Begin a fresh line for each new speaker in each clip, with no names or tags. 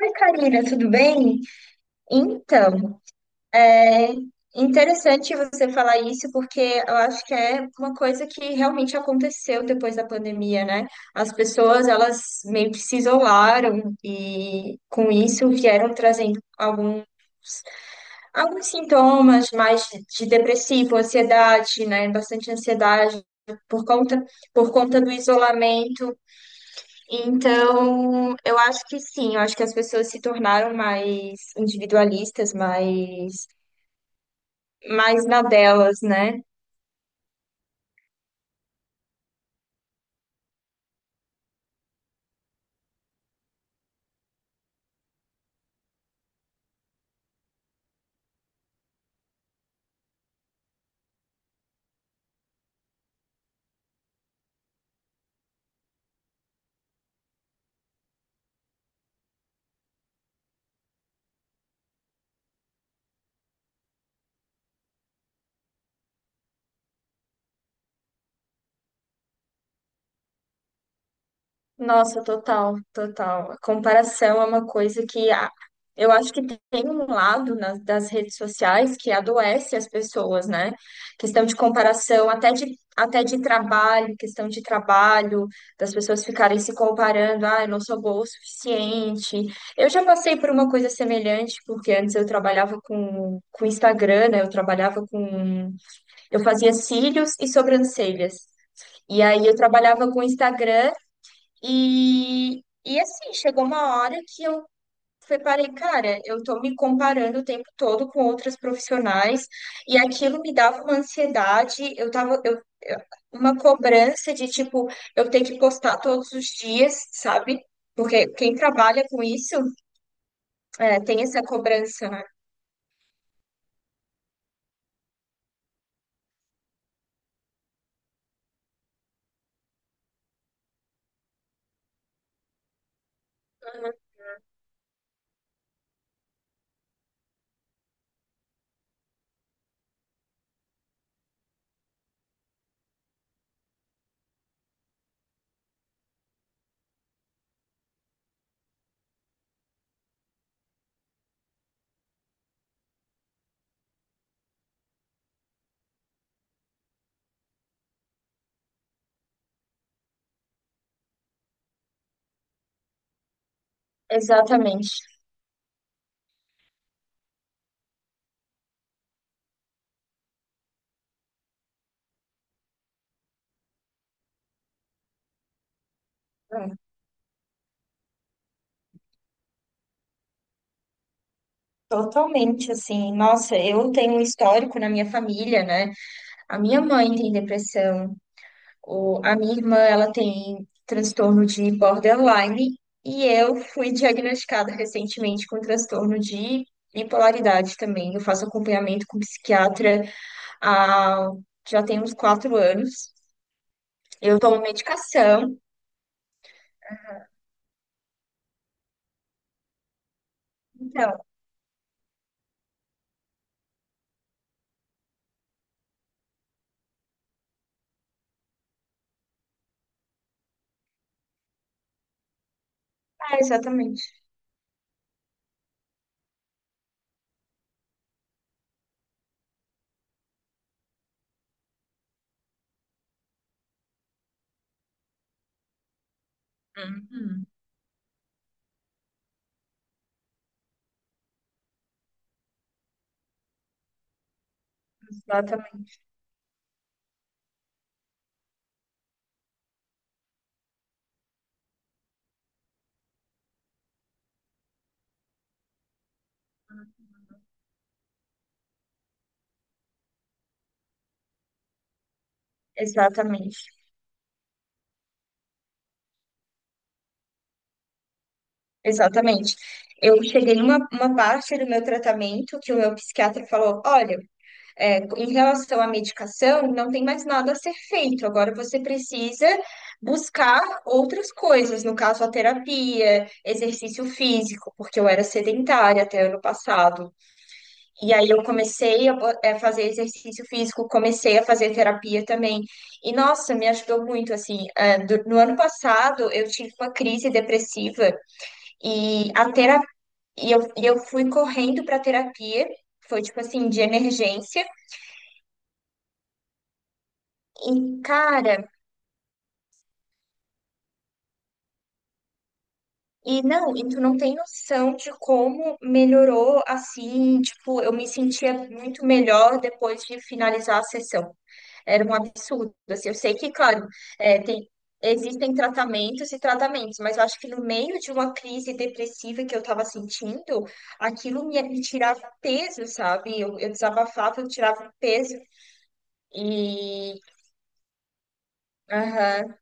Oi, Karina, tudo bem? Então, é interessante você falar isso porque eu acho que é uma coisa que realmente aconteceu depois da pandemia, né? As pessoas, elas meio que se isolaram e com isso vieram trazendo alguns sintomas mais de depressivo, ansiedade, né? Bastante ansiedade por conta, por conta do isolamento. Então, eu acho que sim, eu acho que as pessoas se tornaram mais individualistas, mais, mais na delas, né? Nossa, total, total. A comparação é uma coisa que eu acho que tem um lado nas, das redes sociais que adoece as pessoas, né? Questão de comparação, até de trabalho, questão de trabalho, das pessoas ficarem se comparando, ah, eu não sou boa o suficiente. Eu já passei por uma coisa semelhante, porque antes eu trabalhava com Instagram, né? Eu trabalhava com. Eu fazia cílios e sobrancelhas. E aí eu trabalhava com Instagram. E, e assim, chegou uma hora que eu reparei, cara, eu tô me comparando o tempo todo com outras profissionais e aquilo me dava uma ansiedade, eu tava, uma cobrança de tipo, eu ter que postar todos os dias, sabe? Porque quem trabalha com isso, tem essa cobrança, né? Exatamente. É, Totalmente assim. Nossa, eu tenho um histórico na minha família, né? A minha mãe tem depressão. A minha irmã, ela tem transtorno de borderline e eu fui diagnosticada recentemente com transtorno de bipolaridade também. Eu faço acompanhamento com psiquiatra há, já tem uns 4 anos. Eu tomo medicação. Então, exatamente. Uhum. Exatamente, exatamente, exatamente. Eu cheguei numa uma parte do meu tratamento que o meu psiquiatra falou: olha, em relação à medicação, não tem mais nada a ser feito. Agora você precisa buscar outras coisas, no caso a terapia, exercício físico, porque eu era sedentária até ano passado. E aí eu comecei a fazer exercício físico, comecei a fazer terapia também. E nossa, me ajudou muito assim. No ano passado eu tive uma crise depressiva e a terapia, e eu fui correndo para terapia. Foi tipo assim, de emergência. E, cara, e não, e tu não tem noção de como melhorou assim, tipo, eu me sentia muito melhor depois de finalizar a sessão. Era um absurdo, assim, eu sei que, claro, é, tem, existem tratamentos e tratamentos, mas eu acho que no meio de uma crise depressiva que eu tava sentindo, aquilo me tirava peso, sabe? Eu desabafava, eu tirava peso. E, aham,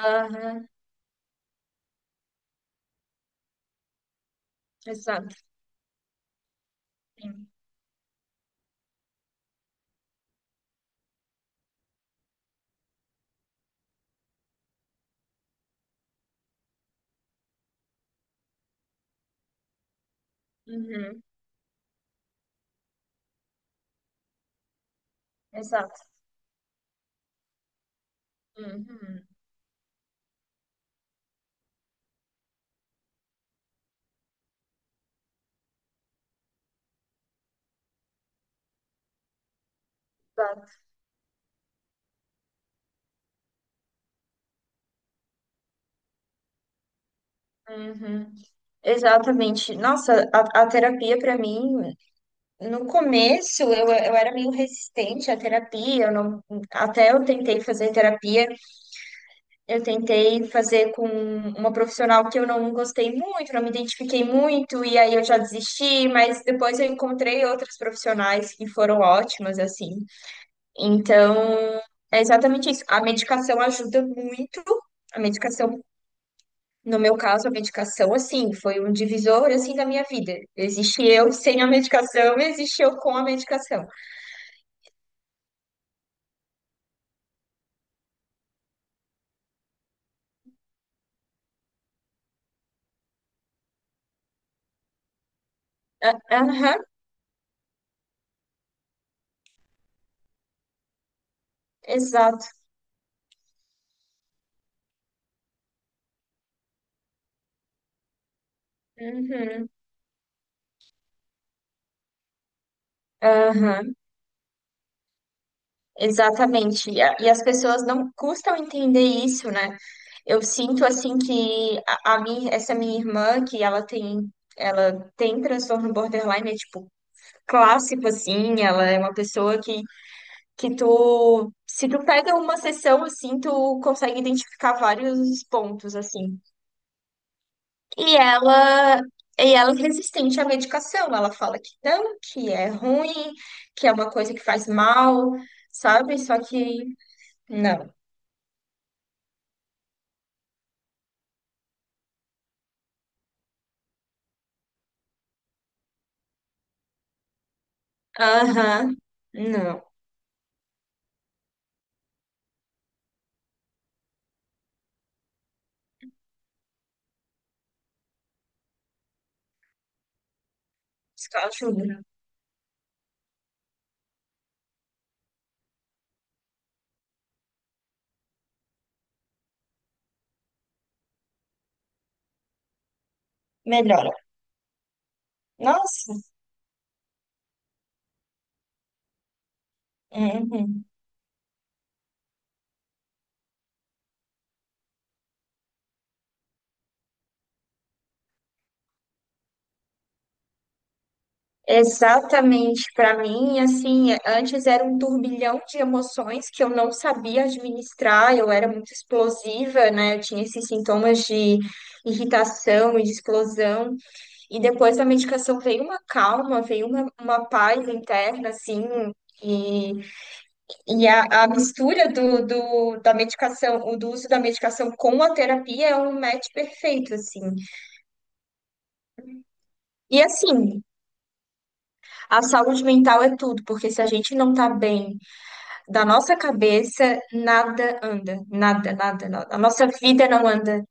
aham, exato, sim, uhum, exato, uhum, exato, uhum. Exatamente. Nossa, a terapia para mim, no começo eu era meio resistente à terapia, eu não, até eu tentei fazer terapia, eu tentei fazer com uma profissional que eu não gostei muito, não me identifiquei muito, e aí eu já desisti, mas depois eu encontrei outras profissionais que foram ótimas, assim. Então, é exatamente isso. A medicação ajuda muito. A medicação no meu caso, a medicação, assim, foi um divisor, assim, da minha vida. Existe eu sem a medicação, existe eu com a medicação. Aham, exato. Uhum, aham, exatamente. E, a- e as pessoas não custam entender isso, né? Eu sinto, assim, que a minha, essa minha irmã, que ela tem... Ela tem transtorno borderline, é tipo clássico, assim. Ela é uma pessoa que tu, se tu pega uma sessão assim, tu consegue identificar vários pontos assim. E ela, e ela é resistente à medicação. Ela fala que não, que é ruim, que é uma coisa que faz mal, sabe? Só que não. Aham, não. Só ajuda. Melhora. Nossa. Uhum. Exatamente, para mim, assim, antes era um turbilhão de emoções que eu não sabia administrar, eu era muito explosiva, né? Eu tinha esses sintomas de irritação e de explosão. E depois da medicação veio uma calma, veio uma paz interna, assim, e, e a mistura da medicação, o do uso da medicação com a terapia é um match perfeito, assim. E assim, a saúde mental é tudo, porque se a gente não tá bem da nossa cabeça, nada anda, nada, nada, nada. A nossa vida não anda.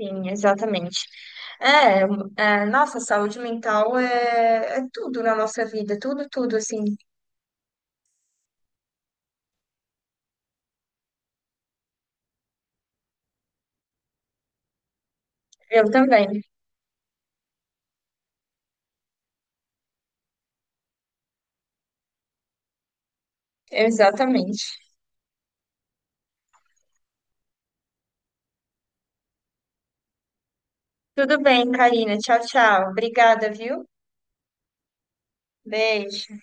Sim, exatamente. É, é, nossa, saúde mental é, é tudo na nossa vida, tudo, tudo, assim. Eu também. Exatamente. Tudo bem, Karina. Tchau, tchau. Obrigada, viu? Beijo.